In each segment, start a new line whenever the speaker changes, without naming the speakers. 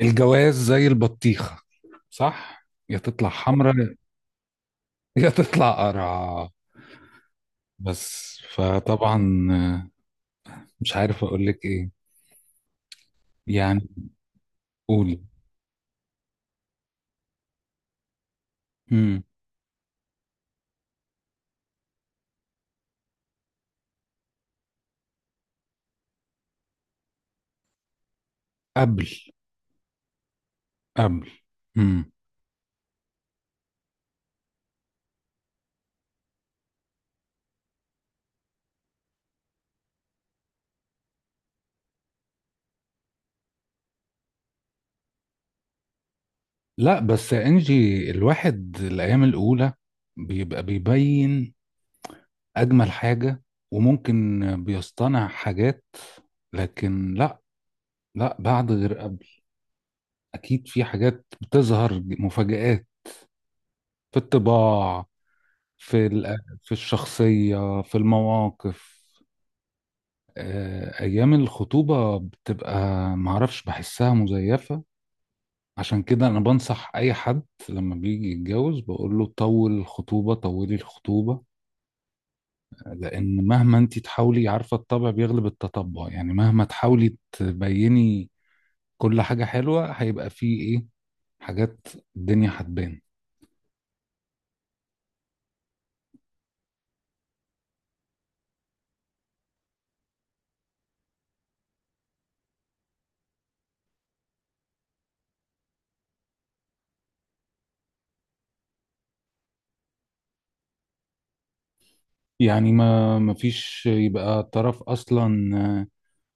الجواز زي البطيخة. صح؟ يا تطلع حمرا، يا تطلع قرعة. بس فطبعا مش عارف اقول لك ايه يعني. قولي. امم. قبل. قبل. امم. لا بس يا انجي، الواحد الايام الاولى بيبقى بيبين اجمل حاجة، وممكن بيصطنع حاجات. لكن لا، لا بعد غير قبل. اكيد في حاجات بتظهر مفاجآت في الطباع، في ال- في الشخصية في المواقف. آه، أيام الخطوبة بتبقى معرفش بحسها مزيفة. عشان كده أنا بنصح أي حد لما بيجي يتجوز بقول له طول الخطوبة، طولي الخطوبة، لأن مهما أنت تحاولي، عارفة، الطبع بيغلب التطبع، يعني مهما تحاولي تبيني كل حاجة حلوة هيبقى فيه إيه، حاجات، الدنيا هتبان. يعني ما مفيش يبقى طرف أصلا.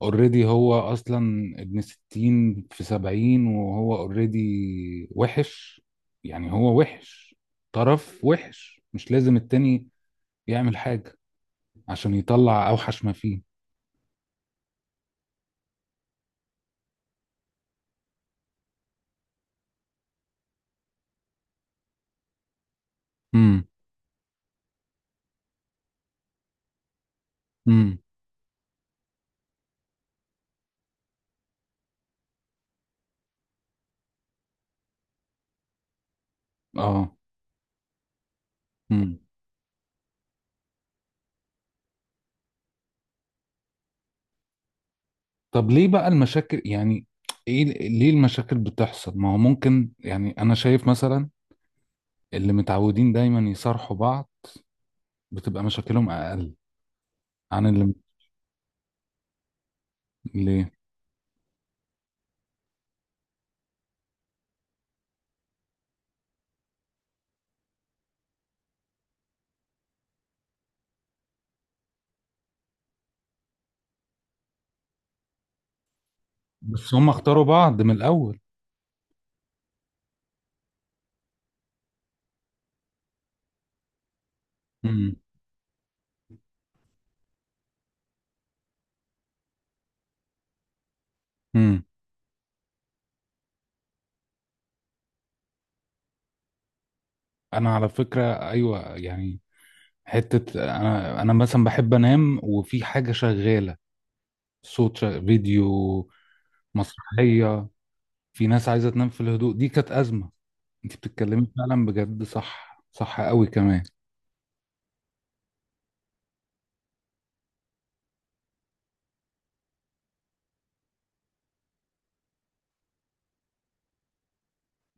اوريدي، هو اصلا ابن ستين في سبعين وهو اوريدي وحش. يعني هو وحش، طرف وحش، مش لازم التاني يعمل حاجة عشان يطلع اوحش ما فيه. امم. امم. اه. امم. طب ليه بقى المشاكل يعني؟ ايه ليه المشاكل بتحصل؟ ما هو ممكن، يعني انا شايف مثلا اللي متعودين دايما يصارحوا بعض بتبقى مشاكلهم اقل عن اللي... ليه؟ بس هم اختاروا بعض من الاول. امم. انا على فكره ايوه يعني. حته انا مثلا بحب انام وفي حاجه شغاله، فيديو، مسرحيه. في ناس عايزه تنام في الهدوء، دي كانت ازمه. انت بتتكلمي فعلا بجد، صح، صح قوي كمان.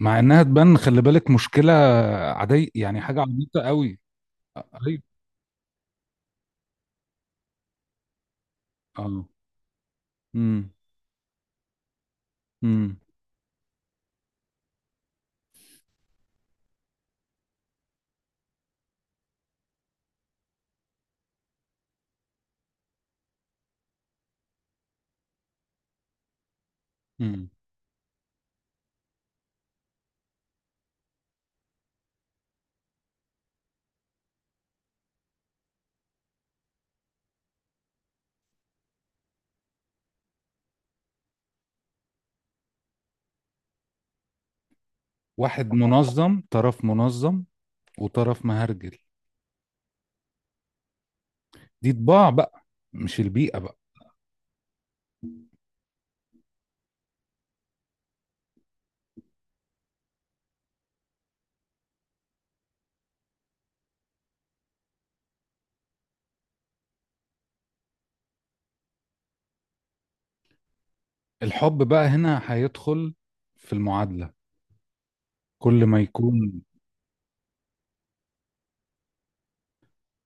مع انها تبان، خلي بالك، مشكله عاديه يعني، حاجه عبيطه قوي. ايوه. اه. امم. امم. امم. واحد منظم، طرف منظم وطرف مهرجل. دي طباع بقى، مش البيئه بقى. الحب بقى هنا هيدخل في المعادلة. كل ما يكون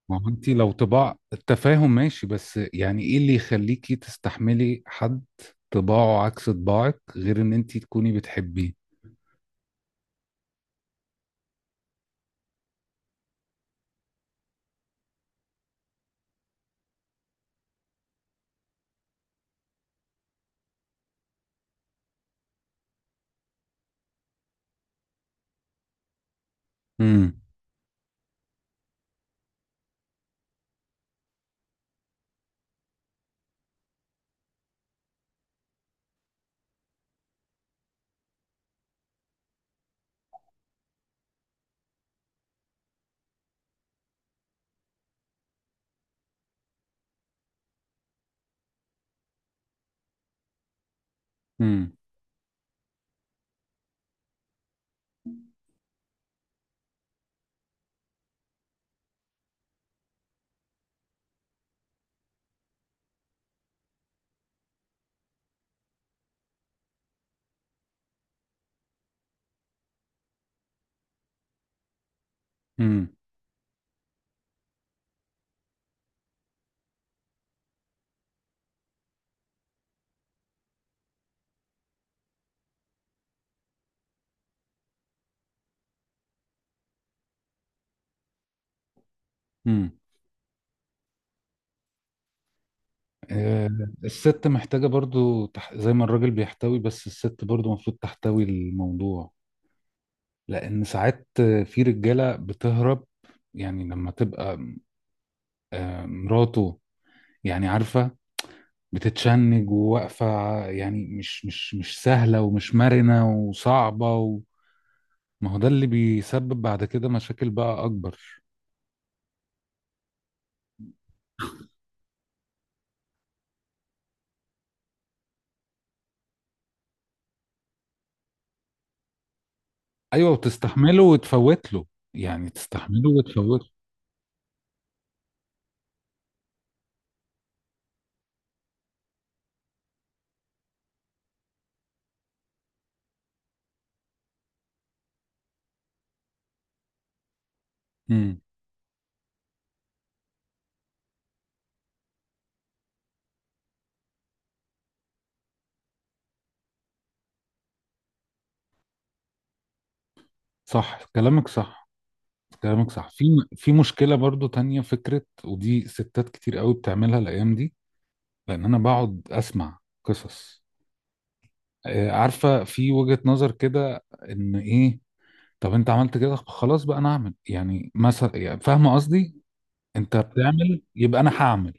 ما هو انت لو طباع، التفاهم ماشي، بس يعني ايه اللي يخليكي تستحملي حد طباعه عكس طباعك غير ان انت تكوني بتحبيه. امم. امم. امم. امم. آه. الست محتاجة برضو زي ما الراجل بيحتوي، بس الست برضو المفروض تحتوي الموضوع. لان ساعات في رجالة بتهرب، يعني لما تبقى آه مراته، يعني عارفة، بتتشنج وواقفة يعني، مش سهلة ومش مرنة وصعبة ما هو ده اللي بيسبب بعد كده مشاكل بقى أكبر. أيوة، وتستحمله وتفوت له، يعني تستحمله وتفوت له. امم. صح كلامك، صح كلامك صح. في مشكلة برضو تانية، فكرة، ودي ستات كتير قوي بتعملها الأيام دي. لأن أنا بقعد أسمع قصص، آه، عارفة، في وجهة نظر كده إن إيه، طب أنت عملت كده، خلاص بقى أنا أعمل، يعني مثلا، يعني فاهمة قصدي. انت بتعمل يبقى انا هعمل.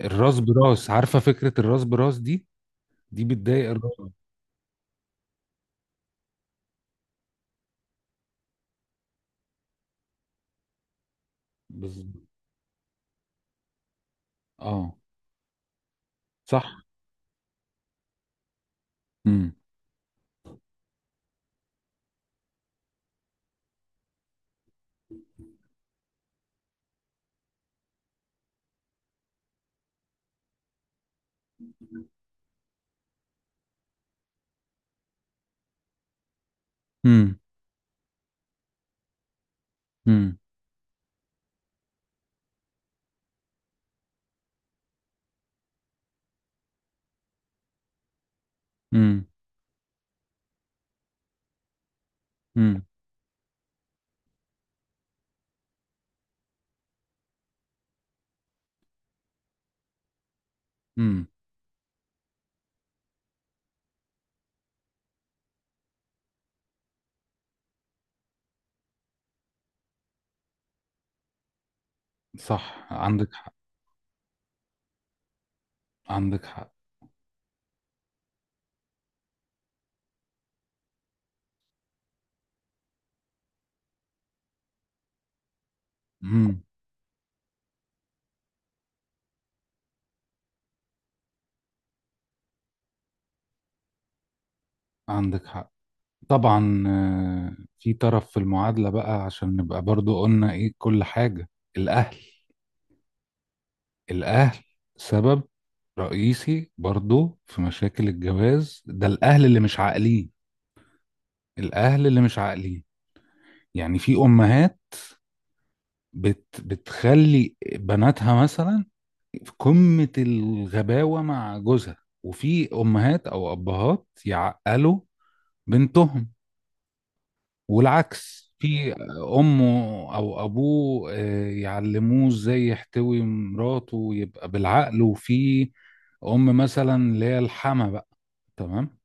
الراس براس، عارفه فكره الراس براس دي، دي بتضايق الراس. بالظبط. اه. صح. امم. امم. امم. امم. امم. امم. صح، عندك حق. عندك حق. امم. عندك حق. طبعا. آه، في طرف في المعادله بقى، عشان نبقى برضو قلنا ايه كل حاجه. الاهل، الاهل سبب رئيسي برضو في مشاكل الجواز. ده الاهل اللي مش عاقلين، الاهل اللي مش عاقلين. يعني في امهات بتخلي بناتها مثلا في قمة الغباوة مع جوزها. وفي امهات او ابهات يعقلوا بنتهم. والعكس، في امه او ابوه، آه، يعلموه ازاي يحتوي مراته ويبقى بالعقل. وفي ام مثلا اللي هي الحما بقى. تمام.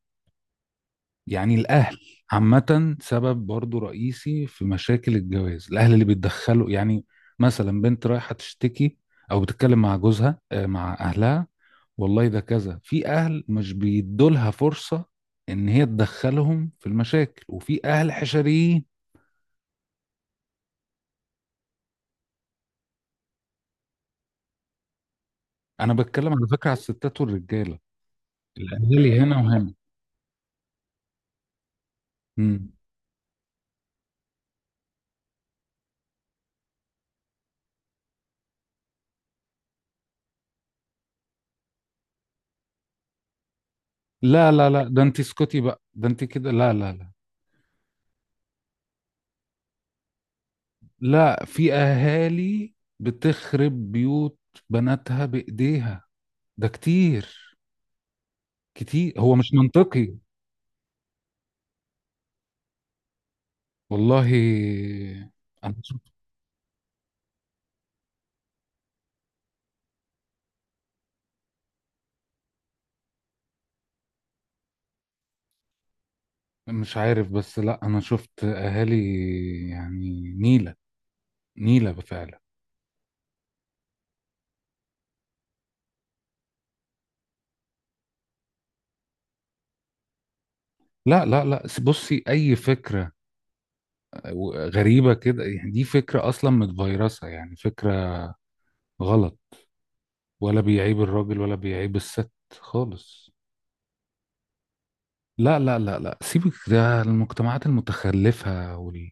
يعني الأهل عامة سبب برضو رئيسي في مشاكل الجواز، الأهل اللي بيتدخلوا. يعني مثلا بنت رايحة تشتكي أو بتتكلم مع جوزها، آه، مع أهلها. والله ده كذا. في أهل مش بيدولها فرصة إن هي تدخلهم في المشاكل، وفي أهل حشريين. أنا بتكلم على فكرة على الستات والرجالة. الأهالي هنا وهنا. مم. لا لا لا، ده أنت اسكتي بقى، ده أنت كده، لا لا لا. لا، في اهالي بتخرب بيوت بناتها بايديها. ده كتير، كتير. هو مش منطقي. والله انا شفت. مش عارف بس، لا، انا شفت اهالي يعني نيلة، نيلة فعلا. لا لا لا، بصي. اي فكرة غريبة كده يعني، دي فكرة اصلا متفيرسة، يعني فكرة غلط. ولا بيعيب الراجل ولا بيعيب الست خالص. لا لا لا لا، سيبك ده المجتمعات المتخلفة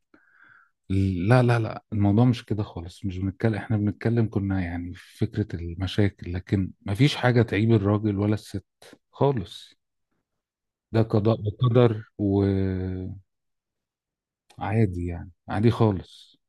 لا لا لا. الموضوع مش كده خالص، مش بنتكلم، احنا بنتكلم كنا يعني في فكرة المشاكل، لكن مفيش حاجة تعيب الراجل ولا الست خالص. ده قضاء وقدر وعادي، يعني عادي خالص.